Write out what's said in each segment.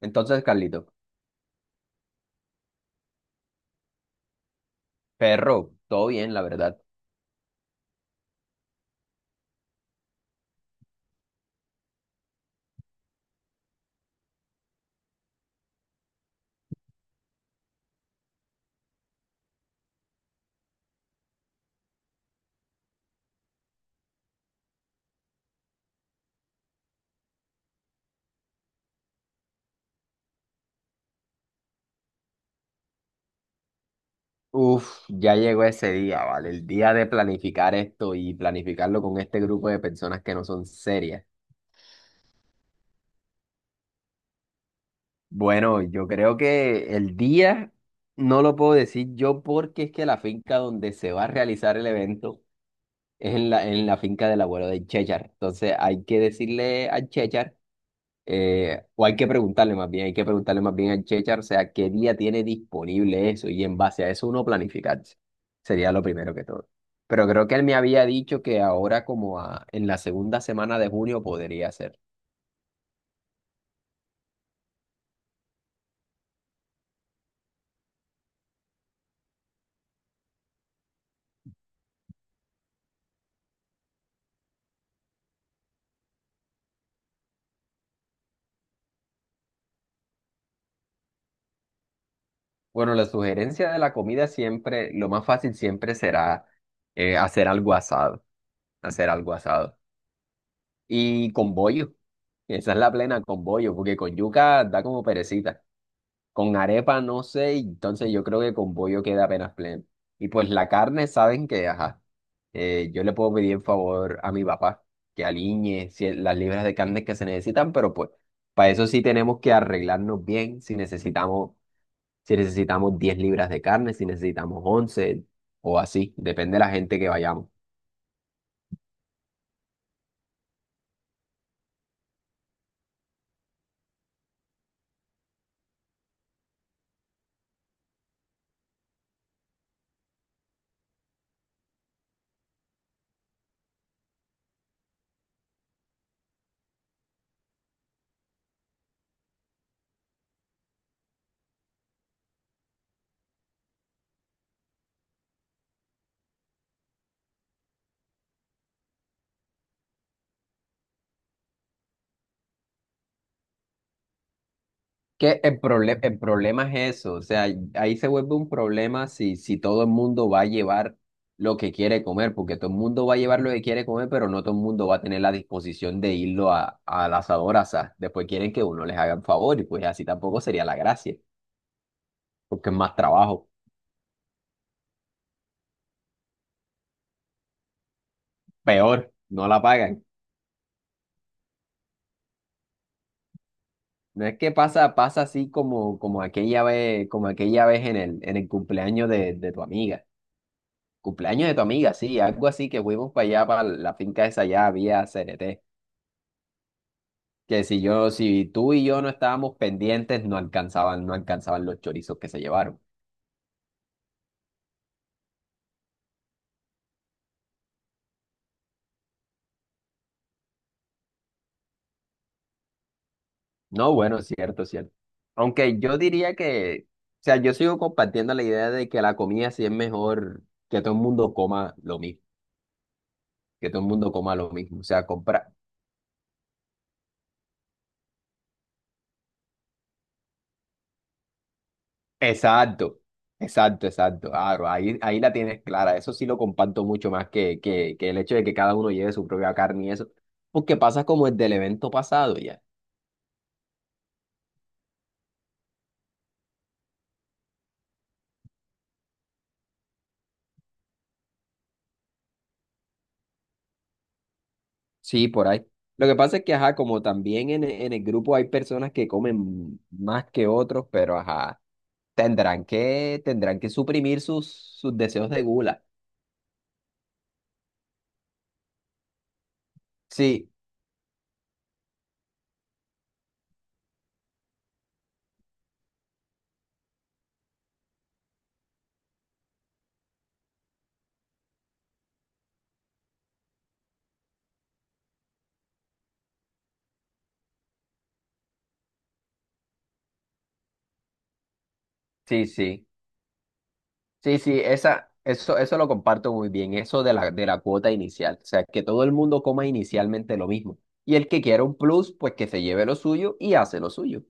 Entonces, Carlito, perro, todo bien, la verdad. Uf, ya llegó ese día, ¿vale? El día de planificar esto y planificarlo con este grupo de personas que no son serias. Bueno, yo creo que el día no lo puedo decir yo porque es que la finca donde se va a realizar el evento es en la finca del abuelo de Chechar. Entonces hay que decirle a Chechar o hay que preguntarle más bien, hay que preguntarle más bien al Chechar, o sea, qué día tiene disponible eso y en base a eso uno planificarse. Sería lo primero que todo. Pero creo que él me había dicho que ahora en la segunda semana de junio podría ser. Bueno, la sugerencia de la comida siempre, lo más fácil siempre será hacer algo asado, hacer algo asado. Y con bollo, esa es la plena con bollo, porque con yuca da como perecita. Con arepa no sé, entonces yo creo que con pollo queda apenas pleno. Y pues la carne, saben que, ajá, yo le puedo pedir en favor a mi papá que aliñe las libras de carne que se necesitan, pero pues para eso sí tenemos que arreglarnos bien si necesitamos, si necesitamos 10 libras de carne, si necesitamos 11 o así, depende de la gente que vayamos. Que el problema es eso, o sea, ahí se vuelve un problema si todo el mundo va a llevar lo que quiere comer, porque todo el mundo va a llevar lo que quiere comer, pero no todo el mundo va a tener la disposición de al asador a asar. Después quieren que uno les haga el favor y pues así tampoco sería la gracia, porque es más trabajo. Peor, no la pagan. No es que pasa, pasa así como, como aquella vez en el cumpleaños de tu amiga. Cumpleaños de tu amiga, sí, algo así que fuimos para allá, para la finca esa allá, había CNT. Que si yo, si tú y yo no estábamos pendientes, no alcanzaban, no alcanzaban los chorizos que se llevaron. No, bueno, cierto, cierto. Aunque yo diría que, o sea, yo sigo compartiendo la idea de que la comida sí es mejor que todo el mundo coma lo mismo, que todo el mundo coma lo mismo. O sea, comprar. Exacto, exacto, exacto. Claro, ahí, ahí la tienes clara. Eso sí lo comparto mucho más que el hecho de que cada uno lleve su propia carne y eso. Porque pasa como el del evento pasado, ya. Sí, por ahí. Lo que pasa es que, ajá, como también en el grupo hay personas que comen más que otros, pero ajá, tendrán que suprimir sus, sus deseos de gula. Sí, sí, sí. Sí, sí, esa, eso lo comparto muy bien, eso de la cuota inicial. O sea, que todo el mundo coma inicialmente lo mismo. Y el que quiera un plus, pues que se lleve lo suyo y hace lo suyo.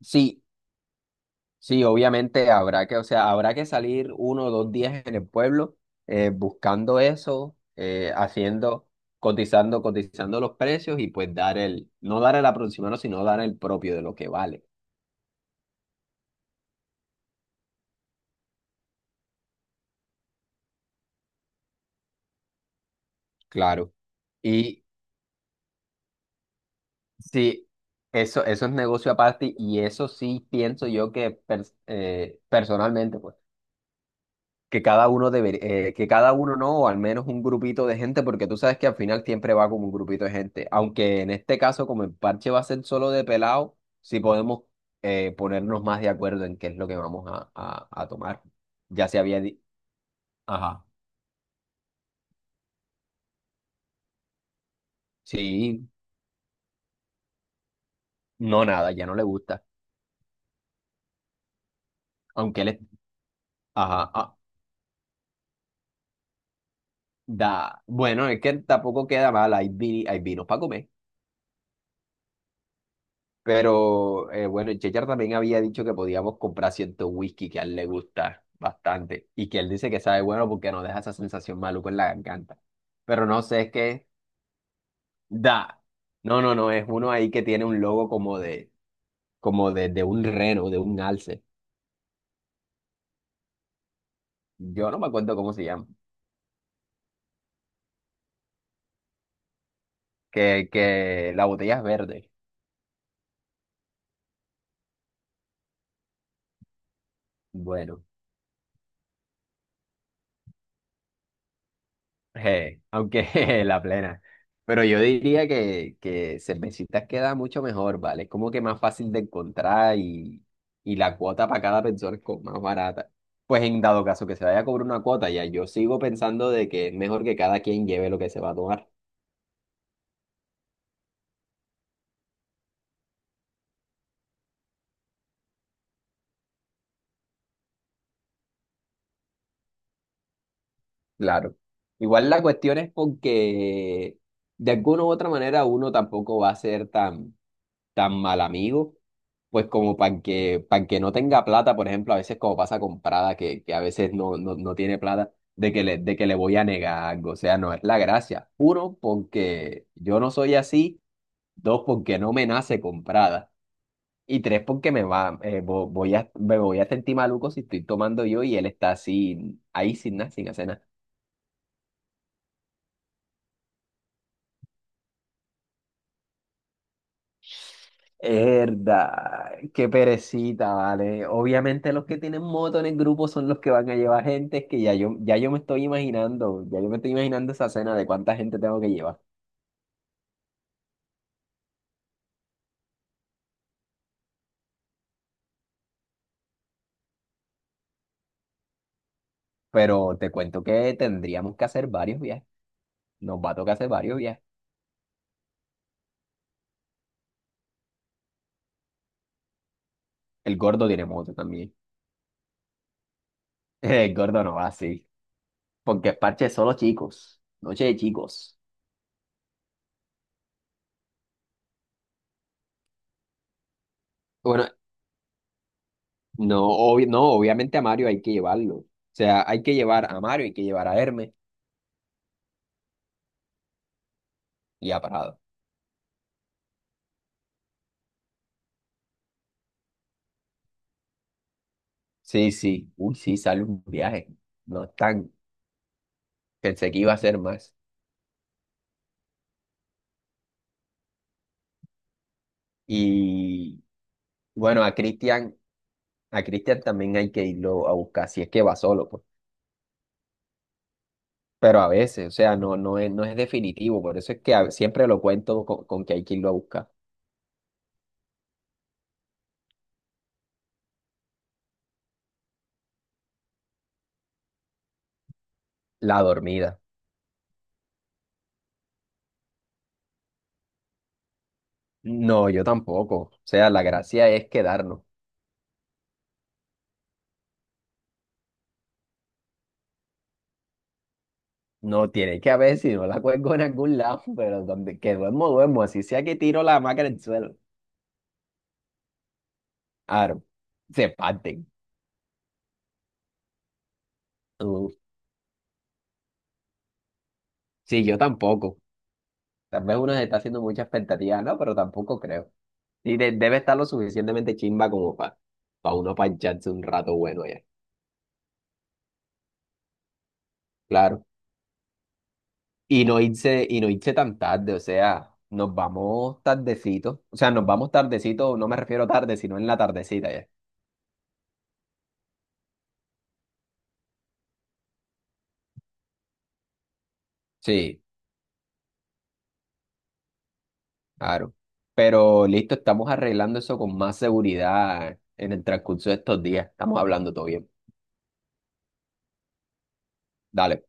Sí, sí, obviamente habrá que, o sea, habrá que salir 1 o 2 días en el pueblo buscando eso, cotizando, cotizando los precios y pues dar el, no dar el aproximado, sino dar el propio de lo que vale. Claro. Y sí, eso es negocio aparte y eso sí pienso yo que personalmente, pues. Que cada uno debería, que cada uno no, o al menos un grupito de gente, porque tú sabes que al final siempre va como un grupito de gente. Aunque en este caso, como el parche va a ser solo de pelado, sí podemos ponernos más de acuerdo en qué es lo que vamos a tomar. Ya se había di- Ajá. Sí, no nada, ya no le gusta. Aunque él es- Ajá, ah, da. Bueno, es que tampoco queda mal, hay, hay vinos para comer. Pero bueno, el Chechar también había dicho que podíamos comprar cierto whisky que a él le gusta bastante y que él dice que sabe bueno porque nos deja esa sensación maluca en la garganta. Pero no sé, es que da. No, no, no, es uno ahí que tiene un logo como de, como de un reno, de un alce. Yo no me acuerdo cómo se llama. Que la botella es verde. Bueno. Aunque la plena. Pero yo diría que cervecitas queda mucho mejor, ¿vale? Es como que más fácil de encontrar y la cuota para cada persona es como más barata. Pues en dado caso que se vaya a cobrar una cuota, ya yo sigo pensando de que es mejor que cada quien lleve lo que se va a tomar. Claro. Igual la cuestión es porque de alguna u otra manera uno tampoco va a ser tan tan mal amigo, pues como para para que no tenga plata, por ejemplo, a veces como pasa con Prada, que a veces no tiene plata, de que le voy a negar algo. O sea, no es la gracia. Uno, porque yo no soy así. Dos, porque no me nace con Prada. Y tres, porque me va, me voy a sentir maluco si estoy tomando yo y él está así, ahí sin nada, sin hacer nada. Herda, qué perecita, vale. Obviamente los que tienen moto en el grupo son los que van a llevar gente, es que ya yo, ya yo me estoy imaginando, ya yo me estoy imaginando esa cena de cuánta gente tengo que llevar. Pero te cuento que tendríamos que hacer varios viajes. Nos va a tocar hacer varios viajes. El gordo tiene moto también. El gordo no va así, porque es parche de solo chicos, noche de chicos. Bueno, no, no, obviamente a Mario hay que llevarlo. O sea, hay que llevar a Mario, hay que llevar a Hermes y a Parado. Sí, sí, uy, sí, sale un viaje. No es tan, pensé que iba a ser más. Y bueno, a Cristian también hay que irlo a buscar, si es que va solo, pues. Pero a veces, o sea, no, no es definitivo, por eso es que siempre lo cuento con que hay que irlo a buscar. La dormida. No, yo tampoco. O sea, la gracia es quedarnos. No tiene que haber, si no la cuelgo en algún lado, pero donde que duermo, duermo, así sea que tiro la hamaca en el suelo. Claro, se parten. Uh, sí, yo tampoco. Tal vez uno se está haciendo mucha expectativa, ¿no? Pero tampoco creo. Y debe estar lo suficientemente chimba como para uno pancharse un rato bueno ya. Claro. Y no irse tan tarde, o sea, nos vamos tardecito. O sea, nos vamos tardecito, no me refiero tarde, sino en la tardecita ya. Sí, claro. Pero listo, estamos arreglando eso con más seguridad en el transcurso de estos días. Estamos hablando todo bien. Dale.